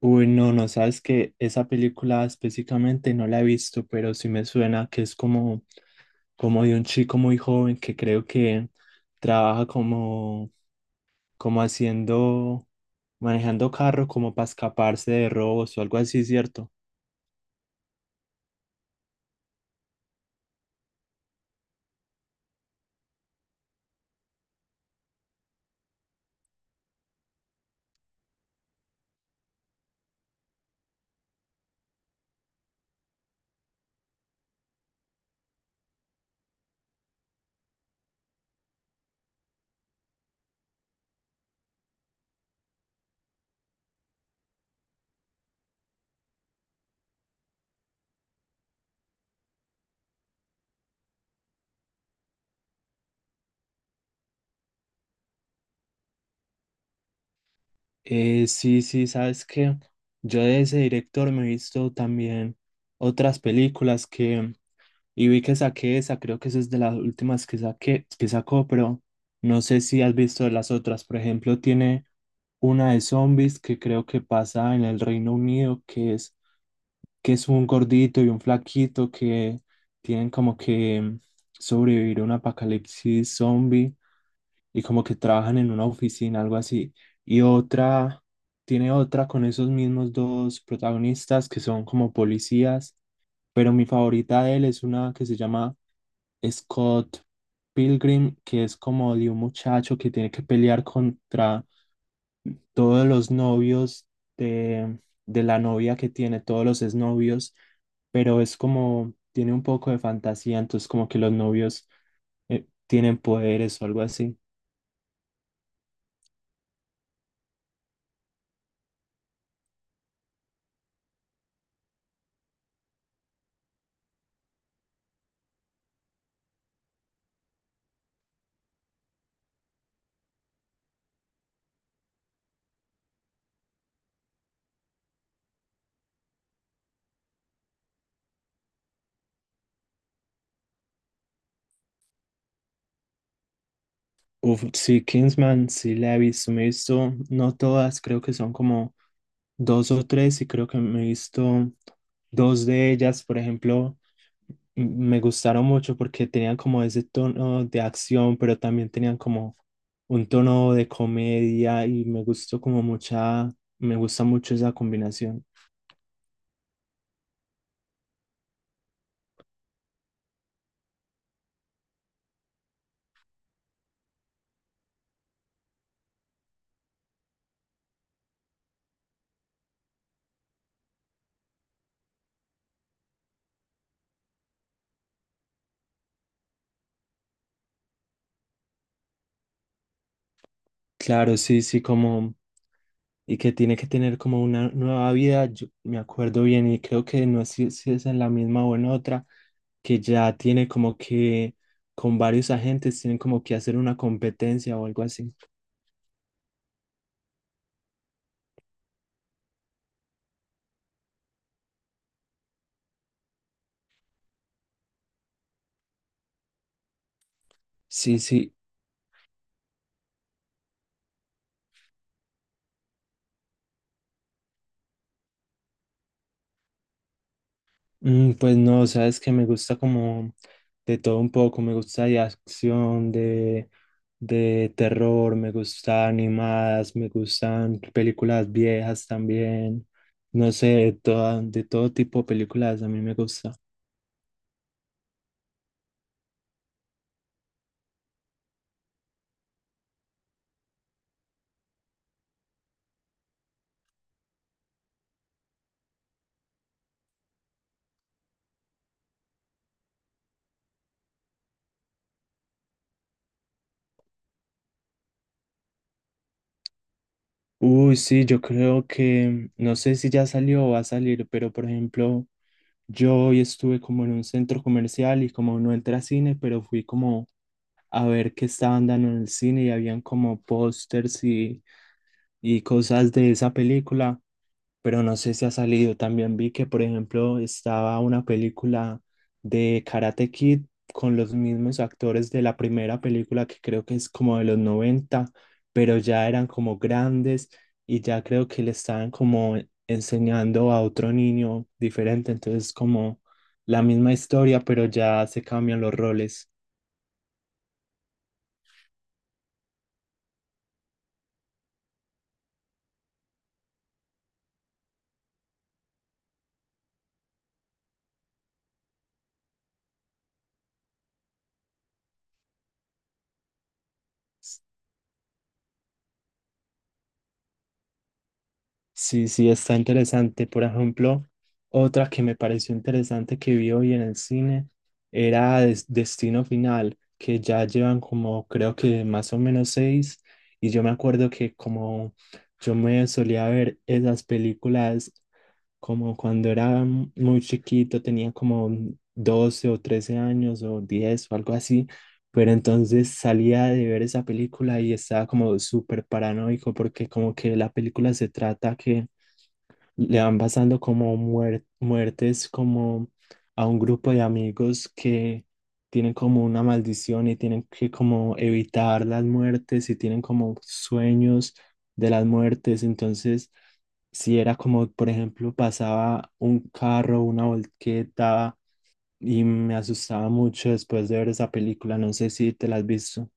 Uy, no, no sabes que esa película específicamente no la he visto, pero sí me suena que es como de un chico muy joven que creo que trabaja como haciendo, manejando carro como para escaparse de robos o algo así, ¿cierto? Sí, sí, sabes que yo de ese director me he visto también otras películas que Y vi que saqué esa, creo que esa es de las últimas que saqué, que sacó, pero no sé si has visto las otras. Por ejemplo, tiene una de zombies que creo que pasa en el Reino Unido, que es un gordito y un flaquito que tienen como que sobrevivir a un apocalipsis zombie y como que trabajan en una oficina, algo así. Y otra, tiene otra con esos mismos dos protagonistas que son como policías, pero mi favorita de él es una que se llama Scott Pilgrim, que es como de un muchacho que tiene que pelear contra todos los novios de, de la novia que tiene, todos los exnovios, pero es como, tiene un poco de fantasía, entonces como que los novios tienen poderes o algo así. Uf, sí, Kingsman, sí la he visto, me he visto, no todas, creo que son como dos o tres y creo que me he visto dos de ellas, por ejemplo, me gustaron mucho porque tenían como ese tono de acción, pero también tenían como un tono de comedia y me gustó como mucha, me gusta mucho esa combinación. Claro, sí, sí, como y que tiene que tener como una nueva vida. Yo me acuerdo bien y creo que no sé si es en la misma o en otra, que ya tiene como que con varios agentes tienen como que hacer una competencia o algo así. Sí, sí. Pues no, sabes que me gusta como de todo un poco, me gusta de acción, de terror, me gustan animadas, me gustan películas viejas también, no sé, de todo tipo de películas, a mí me gusta. Uy, sí, yo creo que, no sé si ya salió o va a salir, pero por ejemplo, yo hoy estuve como en un centro comercial y como no entré a cine, pero fui como a ver qué estaban dando en el cine y habían como pósters y cosas de esa película, pero no sé si ha salido. También vi que, por ejemplo, estaba una película de Karate Kid con los mismos actores de la primera película, que creo que es como de los 90, pero ya eran como grandes y ya creo que le estaban como enseñando a otro niño diferente. Entonces, como la misma historia, pero ya se cambian los roles. Sí, sí, está interesante. Por ejemplo, otra que me pareció interesante que vi hoy en el cine era Destino Final, que ya llevan como creo que más o menos seis. Y yo me acuerdo que como yo me solía ver esas películas como cuando era muy chiquito, tenía como 12 o 13 años o 10 o algo así. Pero entonces salía de ver esa película y estaba como súper paranoico porque como que la película se trata que le van pasando como muertes como a un grupo de amigos que tienen como una maldición y tienen que como evitar las muertes y tienen como sueños de las muertes. Entonces, si era como, por ejemplo, pasaba un carro, una volqueta y me asustaba mucho después de ver esa película. No sé si te la has visto.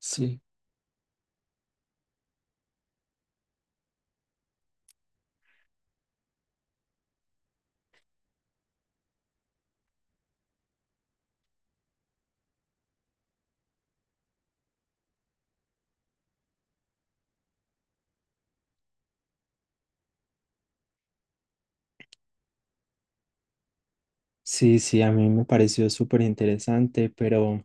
Sí. Sí, sí, a mí me pareció súper interesante, pero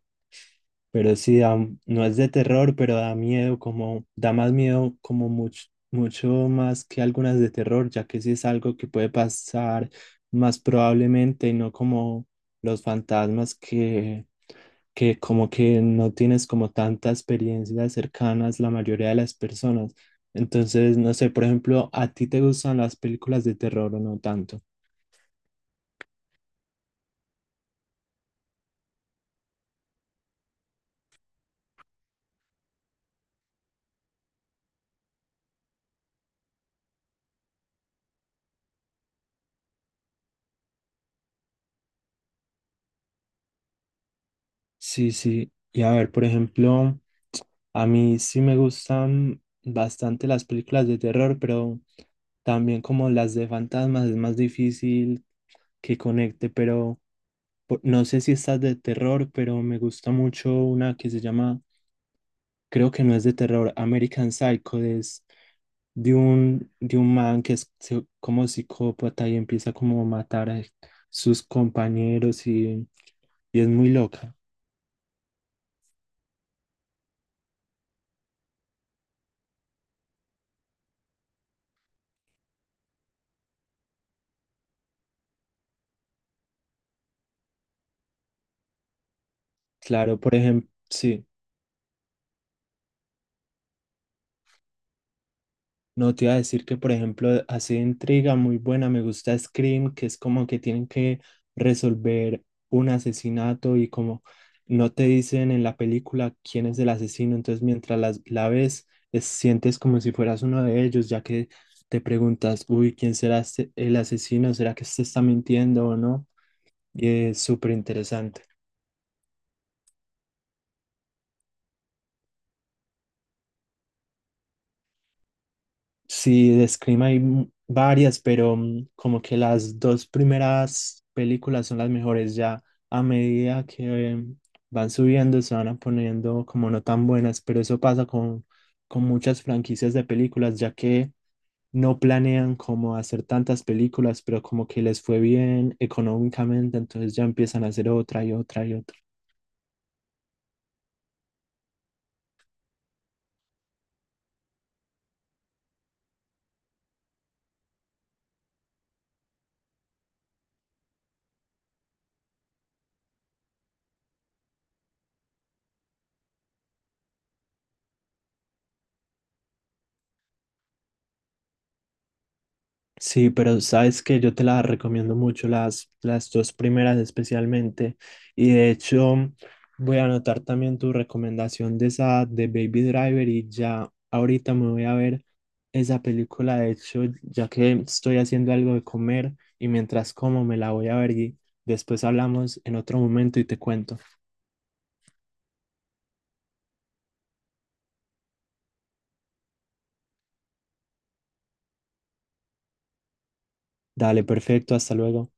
Pero sí, no es de terror, pero da miedo, como da más miedo, como mucho, mucho más que algunas de terror, ya que sí es algo que puede pasar más probablemente, y no como los fantasmas que como que no tienes como tantas experiencias cercanas la mayoría de las personas. Entonces, no sé, por ejemplo, ¿a ti te gustan las películas de terror o no tanto? Sí, sí. Y a ver, por ejemplo... A mí sí me gustan bastante las películas de terror, pero también como las de fantasmas es más difícil que conecte, pero no sé si estas de terror, pero me gusta mucho una que se llama, creo que no es de terror, American Psycho, es de un man que es como psicópata y empieza como a matar a sus compañeros y es muy loca. Claro, por ejemplo, sí. No te iba a decir que, por ejemplo, hace intriga muy buena, me gusta Scream, que es como que tienen que resolver un asesinato y como no te dicen en la película quién es el asesino, entonces mientras la ves, sientes como si fueras uno de ellos, ya que te preguntas, uy, ¿quién será el asesino? ¿Será que este está mintiendo o no? Y es súper interesante. Sí, de Scream hay varias, pero como que las dos primeras películas son las mejores ya. A medida que van subiendo, se van a poniendo como no tan buenas, pero eso pasa con muchas franquicias de películas, ya que no planean como hacer tantas películas, pero como que les fue bien económicamente, entonces ya empiezan a hacer otra y otra y otra. Sí, pero sabes que yo te las recomiendo mucho, las dos primeras especialmente. Y de hecho, voy a anotar también tu recomendación de esa de Baby Driver y ya ahorita me voy a ver esa película. De hecho, ya que estoy haciendo algo de comer y mientras como me la voy a ver y después hablamos en otro momento y te cuento. Dale, perfecto, hasta luego.